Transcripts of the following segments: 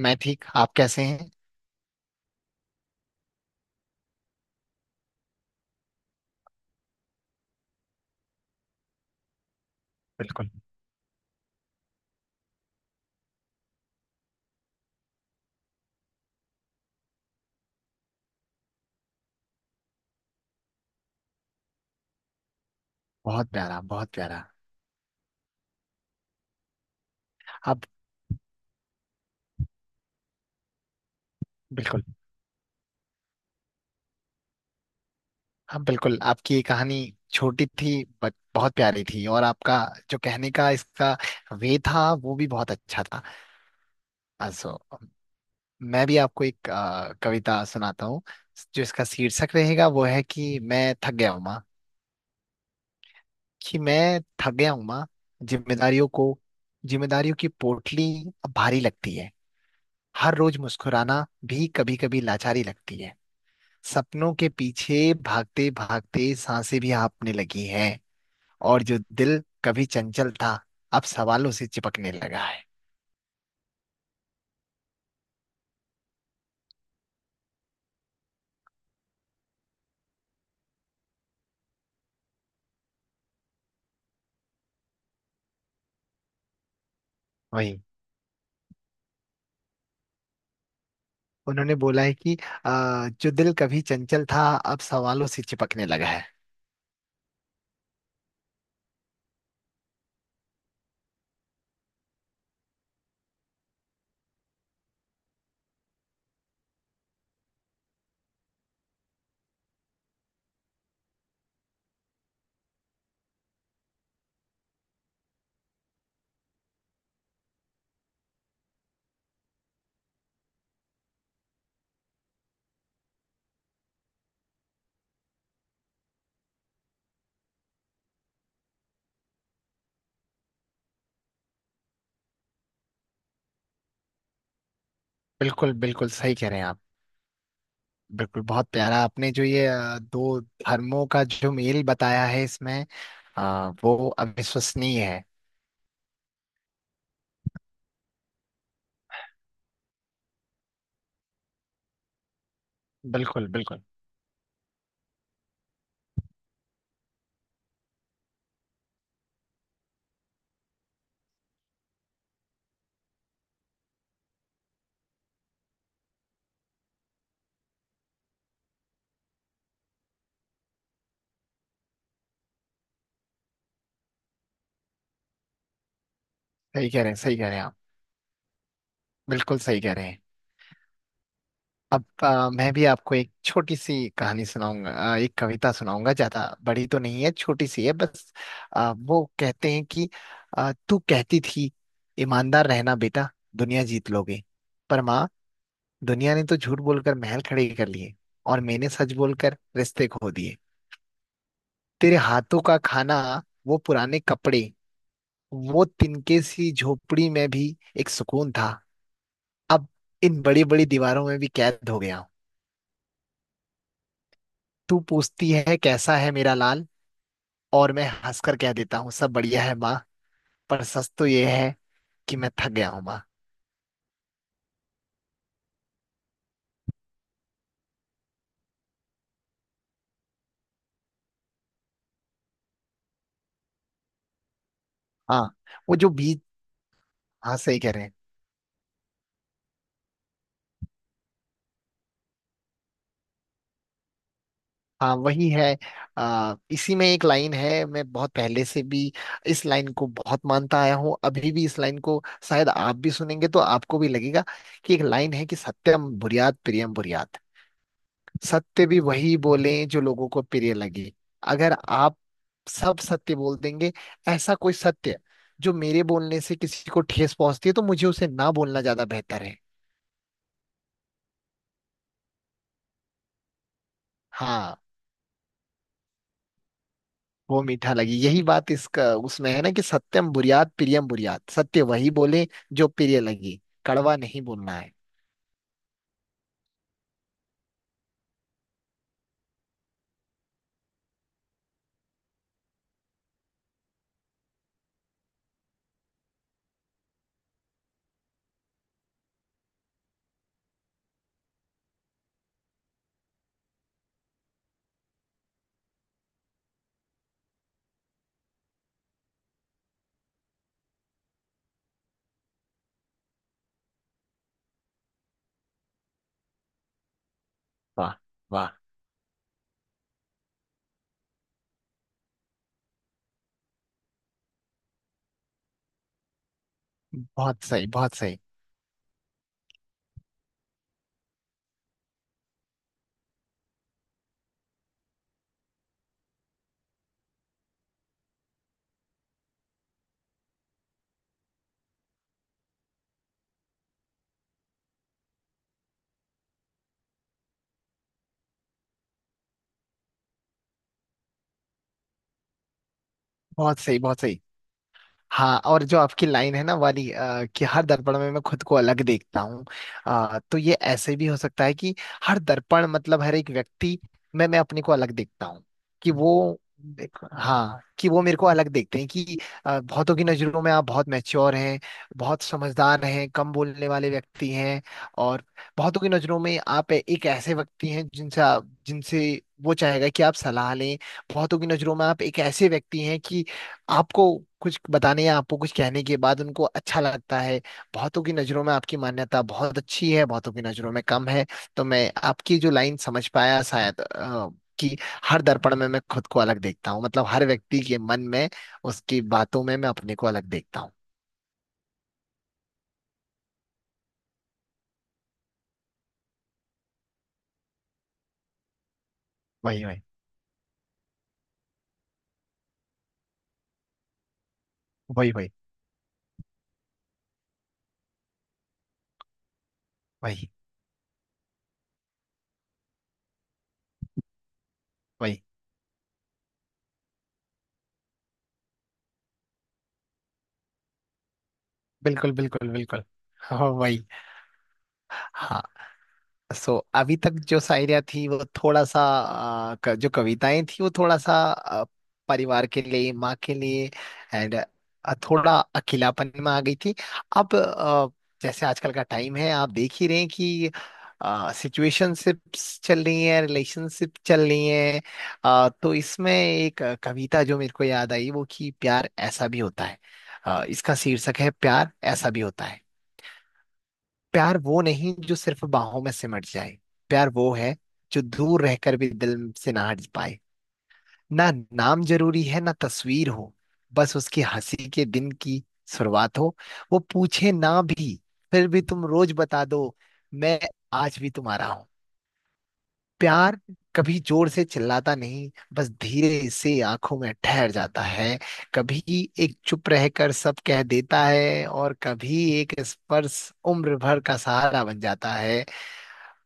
मैं ठीक। आप कैसे हैं। बिल्कुल। बहुत प्यारा, बहुत प्यारा। आप बिल्कुल। हाँ बिल्कुल, आपकी ये कहानी छोटी थी बट बहुत प्यारी थी, और आपका जो कहने का इसका वे था वो भी बहुत अच्छा था। सो मैं भी आपको एक कविता सुनाता हूँ। जो इसका शीर्षक रहेगा वो है कि मैं थक गया हूँ माँ। कि मैं थक गया हूँ माँ। जिम्मेदारियों को, जिम्मेदारियों की पोटली अब भारी लगती है। हर रोज मुस्कुराना भी कभी कभी लाचारी लगती है। सपनों के पीछे भागते भागते सांसें भी हाँफने लगी हैं। और जो दिल कभी चंचल था, अब सवालों से चिपकने लगा है। वही। उन्होंने बोला है कि जो दिल कभी चंचल था अब सवालों से चिपकने लगा है। बिल्कुल बिल्कुल, सही कह रहे हैं आप। बिल्कुल बहुत प्यारा, आपने जो ये दो धर्मों का जो मेल बताया है इसमें, वो अविश्वसनीय है। बिल्कुल बिल्कुल, सही कह रहे हैं। सही कह रहे हैं आप। बिल्कुल सही कह रहे हैं। अब मैं भी आपको एक छोटी सी कहानी सुनाऊंगा, एक कविता सुनाऊंगा। ज्यादा बड़ी तो नहीं है, छोटी सी है बस। वो कहते हैं कि तू कहती थी ईमानदार रहना बेटा, दुनिया जीत लोगे। पर माँ, दुनिया ने तो झूठ बोलकर महल खड़े कर लिए, और मैंने सच बोलकर रिश्ते खो दिए। तेरे हाथों का खाना, वो पुराने कपड़े, वो तिनके सी झोपड़ी में भी एक सुकून था। अब इन बड़ी बड़ी दीवारों में भी कैद हो गया हूँ। तू पूछती है कैसा है मेरा लाल, और मैं हंसकर कह देता हूँ सब बढ़िया है माँ। पर सच तो ये है कि मैं थक गया हूँ माँ। हाँ, वो जो बीच। हाँ सही कह रहे हैं। हाँ वही है। इसी में एक लाइन है। मैं बहुत पहले से भी इस लाइन को बहुत मानता आया हूँ, अभी भी इस लाइन को शायद आप भी सुनेंगे तो आपको भी लगेगा। कि एक लाइन है कि सत्यम बुर्यात प्रियम बुर्यात। सत्य भी वही बोले जो लोगों को प्रिय लगे। अगर आप सब सत्य बोल देंगे, ऐसा कोई सत्य जो मेरे बोलने से किसी को ठेस पहुंचती है, तो मुझे उसे ना बोलना ज्यादा बेहतर है। हाँ, वो मीठा लगे। यही बात इसका उसमें है ना, कि सत्यम बुर्यात प्रियम बुर्यात। सत्य वही बोले जो प्रिय लगे। कड़वा नहीं बोलना है। वाह वाह। बहुत सही, बहुत सही। बहुत सही, बहुत सही। हाँ, और जो आपकी लाइन है ना वाली, कि हर दर्पण में मैं खुद को अलग देखता हूँ। तो ये ऐसे भी हो सकता है कि हर दर्पण मतलब हर एक व्यक्ति में मैं अपने को अलग देखता हूँ। कि वो देखो, हाँ, कि वो मेरे को अलग देखते हैं। कि बहुतों की नजरों में आप बहुत मैच्योर हैं, बहुत समझदार हैं, कम बोलने वाले व्यक्ति हैं। और बहुतों की नजरों में आप एक ऐसे व्यक्ति हैं जिनसे जिनसे वो चाहेगा कि आप सलाह लें। बहुतों की नजरों में आप एक ऐसे व्यक्ति हैं कि आपको कुछ बताने या आपको कुछ कहने के बाद उनको अच्छा लगता है। बहुतों की नजरों में आपकी मान्यता बहुत अच्छी है, बहुतों की नजरों में कम है। तो मैं आपकी जो लाइन समझ पाया शायद, कि हर दर्पण में मैं खुद को अलग देखता हूँ मतलब हर व्यक्ति के मन में, उसकी बातों में मैं अपने को अलग देखता हूँ। वही, वही। वही, वही। वही, वही। बिल्कुल बिल्कुल बिल्कुल। हाँ, वही। हाँ। अभी तक जो शायरिया थी वो थोड़ा सा, जो कविताएं थी वो थोड़ा सा परिवार के लिए, माँ के लिए एंड थोड़ा अकेलापन में आ गई थी। अब जैसे आजकल का टाइम है आप देख ही रहे हैं कि सिचुएशनशिप्स चल रही हैं, रिलेशनशिप चल रही हैं। तो इसमें एक कविता जो मेरे को याद आई वो कि प्यार ऐसा भी होता है। इसका शीर्षक है प्यार ऐसा भी होता है। प्यार वो नहीं जो सिर्फ बाहों में सिमट जाए। प्यार वो है जो दूर रहकर भी दिल से ना हट पाए। ना नाम जरूरी है, ना तस्वीर हो। बस उसकी हंसी के दिन की शुरुआत हो। वो पूछे ना भी, फिर भी तुम रोज बता दो, मैं आज भी तुम्हारा हूं। प्यार कभी जोर से चिल्लाता नहीं, बस धीरे से आंखों में ठहर जाता है। कभी एक चुप रहकर सब कह देता है, और कभी एक स्पर्श उम्र भर का सहारा बन जाता है।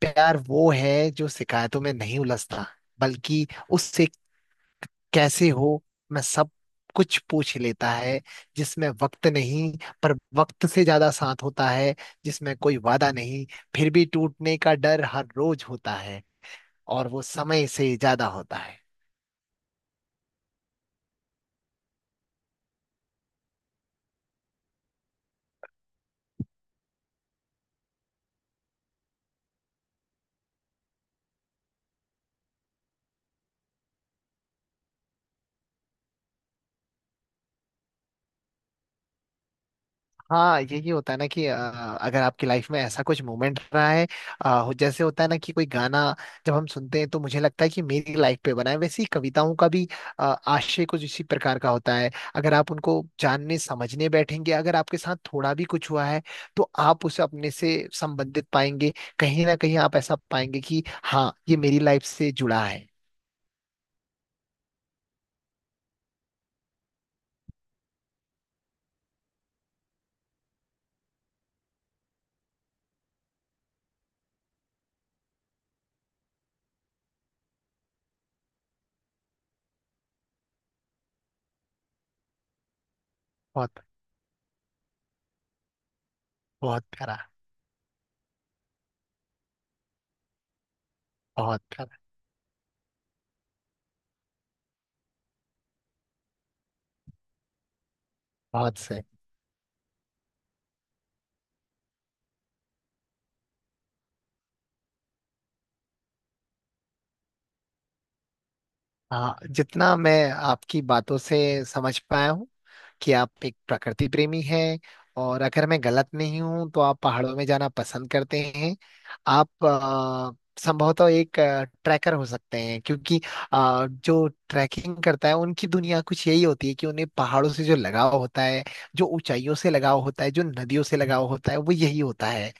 प्यार वो है जो शिकायतों में नहीं उलझता, बल्कि उससे कैसे हो, मैं सब कुछ पूछ लेता है। जिसमें वक्त नहीं, पर वक्त से ज्यादा साथ होता है। जिसमें कोई वादा नहीं, फिर भी टूटने का डर हर रोज होता है। और वो समय से ज्यादा होता है। हाँ, यही होता है ना कि अगर आपकी लाइफ में ऐसा कुछ मोमेंट रहा है, जैसे होता है ना कि कोई गाना जब हम सुनते हैं तो मुझे लगता है कि मेरी लाइफ पे बना है। वैसे ही कविताओं का भी आशय कुछ इसी प्रकार का होता है। अगर आप उनको जानने समझने बैठेंगे, अगर आपके साथ थोड़ा भी कुछ हुआ है, तो आप उसे अपने से संबंधित पाएंगे। कहीं ना कहीं आप ऐसा पाएंगे कि हाँ ये मेरी लाइफ से जुड़ा है। बहुत बहुत प्यारा। बहुत प्यारा। बहुत सही। हाँ, जितना मैं आपकी बातों से समझ पाया हूँ कि आप एक प्रकृति प्रेमी हैं, और अगर मैं गलत नहीं हूं तो आप पहाड़ों में जाना पसंद करते हैं। आप संभवतः एक ट्रैकर हो सकते हैं, क्योंकि जो ट्रैकिंग करता है उनकी दुनिया कुछ यही होती है कि उन्हें पहाड़ों से जो लगाव होता है, जो ऊंचाइयों से लगाव होता है, जो नदियों से लगाव होता है, वो यही होता है।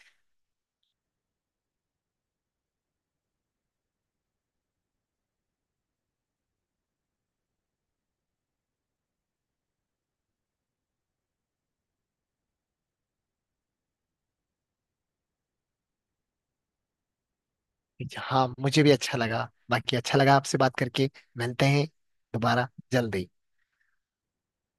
हाँ, मुझे भी अच्छा लगा। बाकी अच्छा लगा आपसे बात करके। मिलते हैं दोबारा, जल्दी।